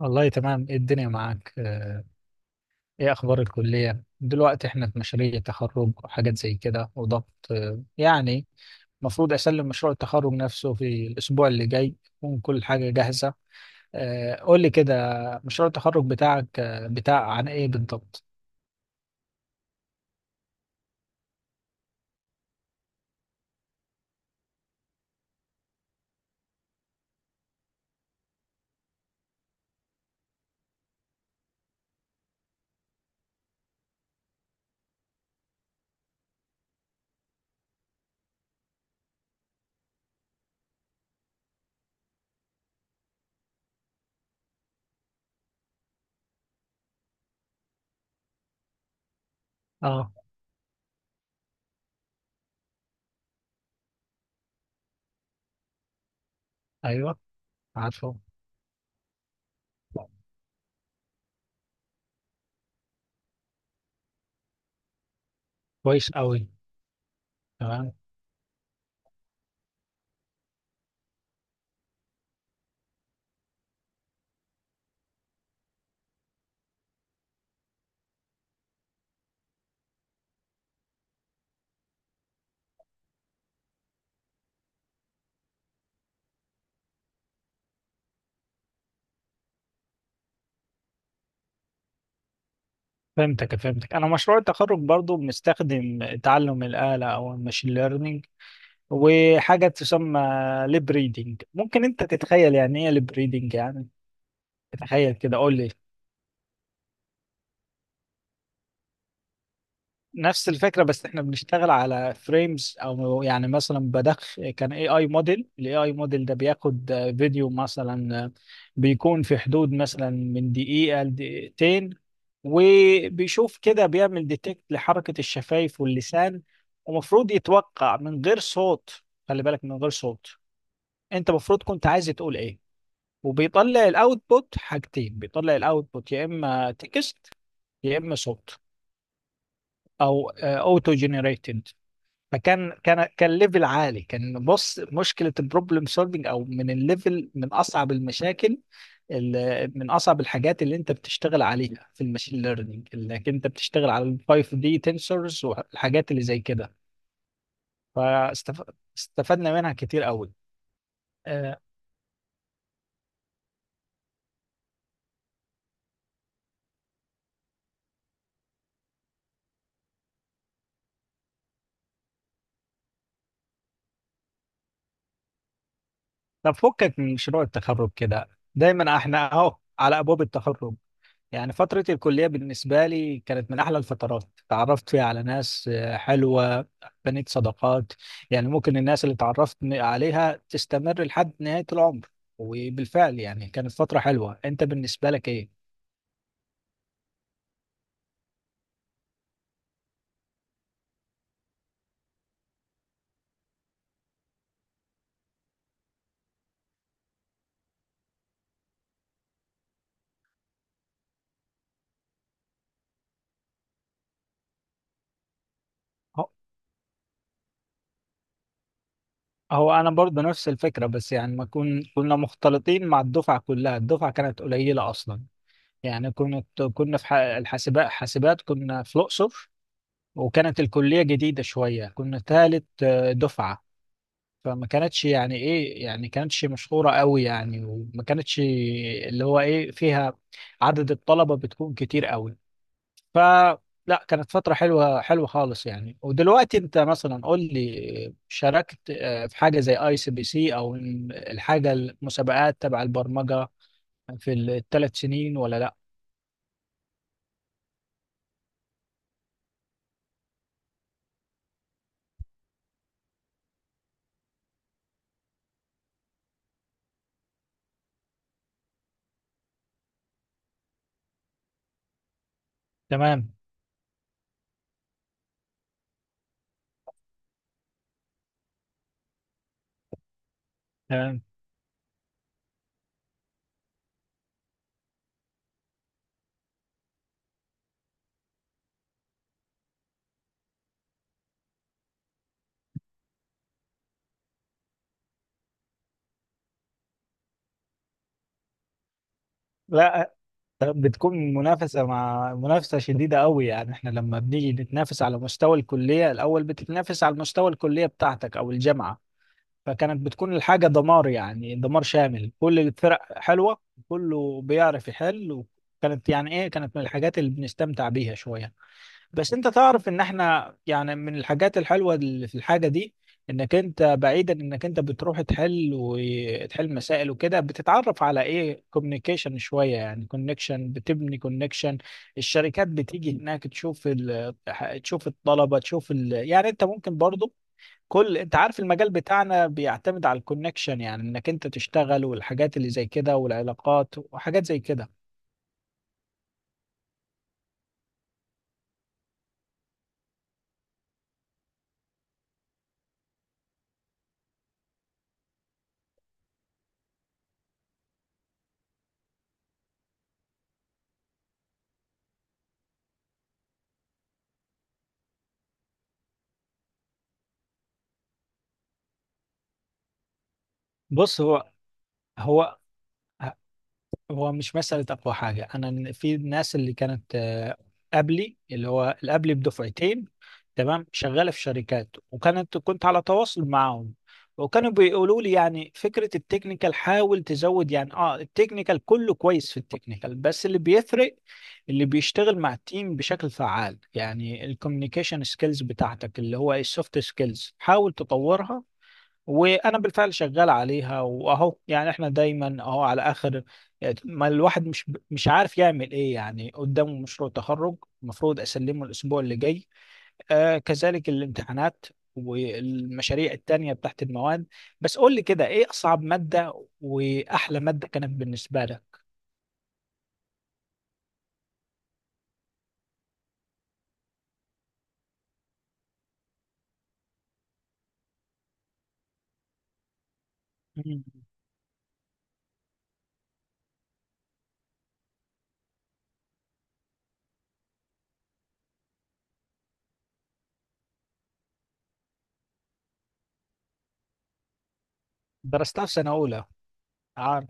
والله تمام، إيه الدنيا معاك؟ ايه اخبار الكلية دلوقتي؟ احنا في مشاريع تخرج وحاجات زي كده وضغط، يعني المفروض اسلم مشروع التخرج نفسه في الاسبوع اللي جاي، تكون كل حاجة جاهزة. قول لي كده، مشروع التخرج بتاعك بتاع عن ايه بالضبط؟ اه، ايوه، عارفه، كويس قوي، تمام. فهمتك فهمتك، انا مشروع التخرج برضو بنستخدم تعلم الآلة او الماشين ليرنينج، وحاجة تسمى ليب ريدنج. ممكن انت تتخيل يعني ايه ليب ريدنج؟ يعني تتخيل كده، قول لي. نفس الفكرة بس احنا بنشتغل على فريمز، او يعني مثلا كان اي اي موديل، الاي اي موديل ده بياخد فيديو مثلا، بيكون في حدود مثلا من دقيقة لدقيقتين، وبيشوف كده بيعمل ديتكت لحركة الشفايف واللسان، ومفروض يتوقع من غير صوت. خلي بالك، من غير صوت. انت المفروض كنت عايز تقول ايه. وبيطلع الاوتبوت حاجتين، بيطلع الاوتبوت يا اما تكست يا اما صوت، او اوتو جنريتد. فكان كان كان ليفل عالي، كان بص مشكله البروبلم سولفنج، او من الليفل من اصعب المشاكل. من اصعب الحاجات اللي انت بتشتغل عليها في الماشين ليرنينج، انك انت بتشتغل على ال 5 دي تنسورز والحاجات اللي زي كده، فاستفدنا منها كتير قوي. آه، طب فكك من مشروع التخرج كده. دايما احنا اهو على ابواب التخرج، يعني فترة الكلية بالنسبة لي كانت من أحلى الفترات. تعرفت فيها على ناس حلوة، بنيت صداقات، يعني ممكن الناس اللي تعرفت عليها تستمر لحد نهاية العمر. وبالفعل يعني كانت فترة حلوة. أنت بالنسبة لك إيه؟ هو هو أنا برضه نفس الفكرة، بس يعني ما كن كنا مختلطين مع الدفعة كلها، الدفعة كانت قليلة أصلا. يعني كنت كنا في الحاسبات، حاسبات كنا في الأقصر، وكانت الكلية جديدة شوية، كنا ثالث دفعة. فما كانتش يعني ايه، يعني كانتش مشهورة قوي يعني، وما كانتش اللي هو ايه فيها عدد الطلبة بتكون كتير قوي. فلا، كانت فترة حلوة حلوة خالص يعني. ودلوقتي انت مثلا قول لي، شاركت في حاجة زي اي سي بي سي او الحاجة المسابقات تبع البرمجة في الثلاث سنين ولا لا؟ تمام، تمام. لا، بتكون منافسة، مع منافسة شديدة قوي يعني. احنا لما بنيجي نتنافس على مستوى الكلية، الأول بتتنافس على مستوى الكلية بتاعتك أو الجامعة، فكانت بتكون الحاجة دمار، يعني دمار شامل، كل الفرق حلوة، كله بيعرف يحل. وكانت يعني ايه، كانت من الحاجات اللي بنستمتع بيها شوية. بس انت تعرف ان احنا يعني من الحاجات الحلوه اللي في الحاجه دي، انك انت بعيدا انك انت بتروح تحل وتحل مسائل وكده، بتتعرف على ايه كوميونيكيشن شويه، يعني كونكشن، بتبني كونكشن. الشركات بتيجي هناك، تشوف تشوف الطلبه، تشوف يعني انت ممكن برضو كل، انت عارف المجال بتاعنا بيعتمد على الكونكشن، يعني انك انت تشتغل والحاجات اللي زي كده والعلاقات وحاجات زي كده. بص، هو هو هو مش مسألة أقوى حاجة. أنا في الناس اللي كانت قبلي، اللي هو اللي قبلي بدفعتين، تمام، شغالة في شركات، وكانت كنت على تواصل معاهم، وكانوا بيقولوا لي يعني فكرة التكنيكال حاول تزود، يعني اه التكنيكال كله كويس، في التكنيكال بس اللي بيفرق اللي بيشتغل مع التيم بشكل فعال، يعني الكوميونيكيشن سكيلز بتاعتك، اللي هو السوفت سكيلز، حاول تطورها. وانا بالفعل شغال عليها، واهو يعني احنا دايما اهو على اخر، ما الواحد مش عارف يعمل ايه يعني، قدامه مشروع تخرج المفروض اسلمه الاسبوع اللي جاي، كذلك الامتحانات والمشاريع التانية بتاعت المواد. بس قول لي كده، ايه اصعب مادة واحلى مادة كانت بالنسبة لك؟ مم. درستها في سنة اولى. عارف.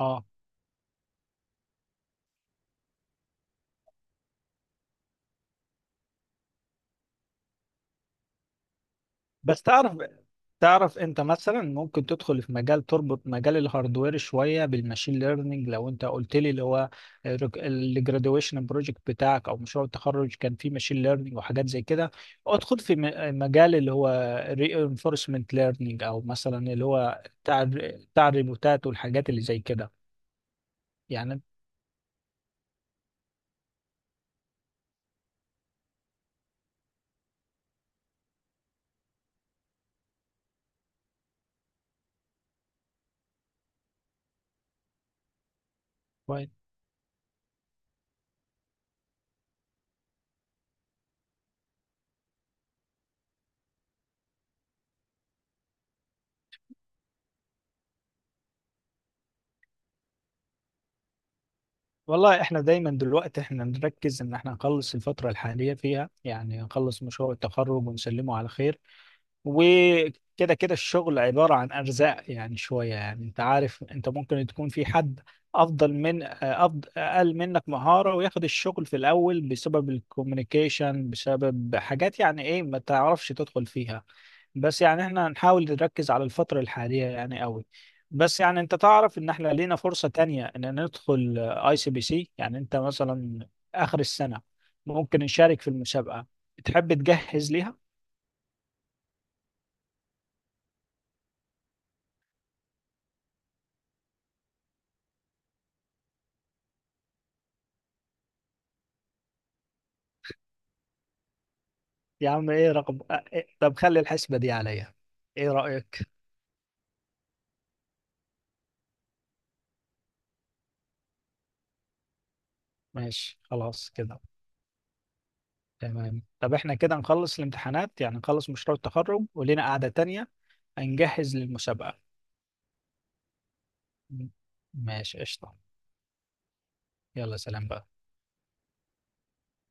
اه. بس تعرف انت مثلا ممكن تدخل في مجال تربط مجال الهاردوير شويه بالماشين ليرنينج. لو انت قلت لي اللي هو الجراديويشن بروجكت بتاعك او مشروع التخرج كان فيه ماشين ليرنينج وحاجات زي كده، ادخل في مجال اللي هو reinforcement ليرنينج، او مثلا اللي هو بتاع بتاع الريبوتات والحاجات اللي زي كده. يعني كويس. والله احنا دايما دلوقتي احنا نركز ان احنا نخلص الفتره الحاليه فيها، يعني نخلص مشروع التخرج ونسلمه على خير. وكده كده الشغل عبارة عن أرزاق، يعني شوية، يعني أنت عارف، أنت ممكن تكون في حد أفضل من أفضل أقل منك مهارة وياخد الشغل في الأول بسبب الكوميونيكيشن، بسبب حاجات يعني إيه ما تعرفش تدخل فيها. بس يعني إحنا هنحاول نركز على الفترة الحالية يعني قوي. بس يعني أنت تعرف إن إحنا لينا فرصة تانية إن ندخل أي سي بي سي، يعني أنت مثلا آخر السنة ممكن نشارك في المسابقة. تحب تجهز ليها؟ يا عم ايه رقم إيه؟ طب خلي الحسبة دي عليا، ايه رأيك؟ ماشي خلاص كده. تمام، طب احنا كده نخلص الامتحانات، يعني نخلص مشروع التخرج ولينا قعدة تانية هنجهز للمسابقة. م- ماشي قشطة. يلا سلام بقى.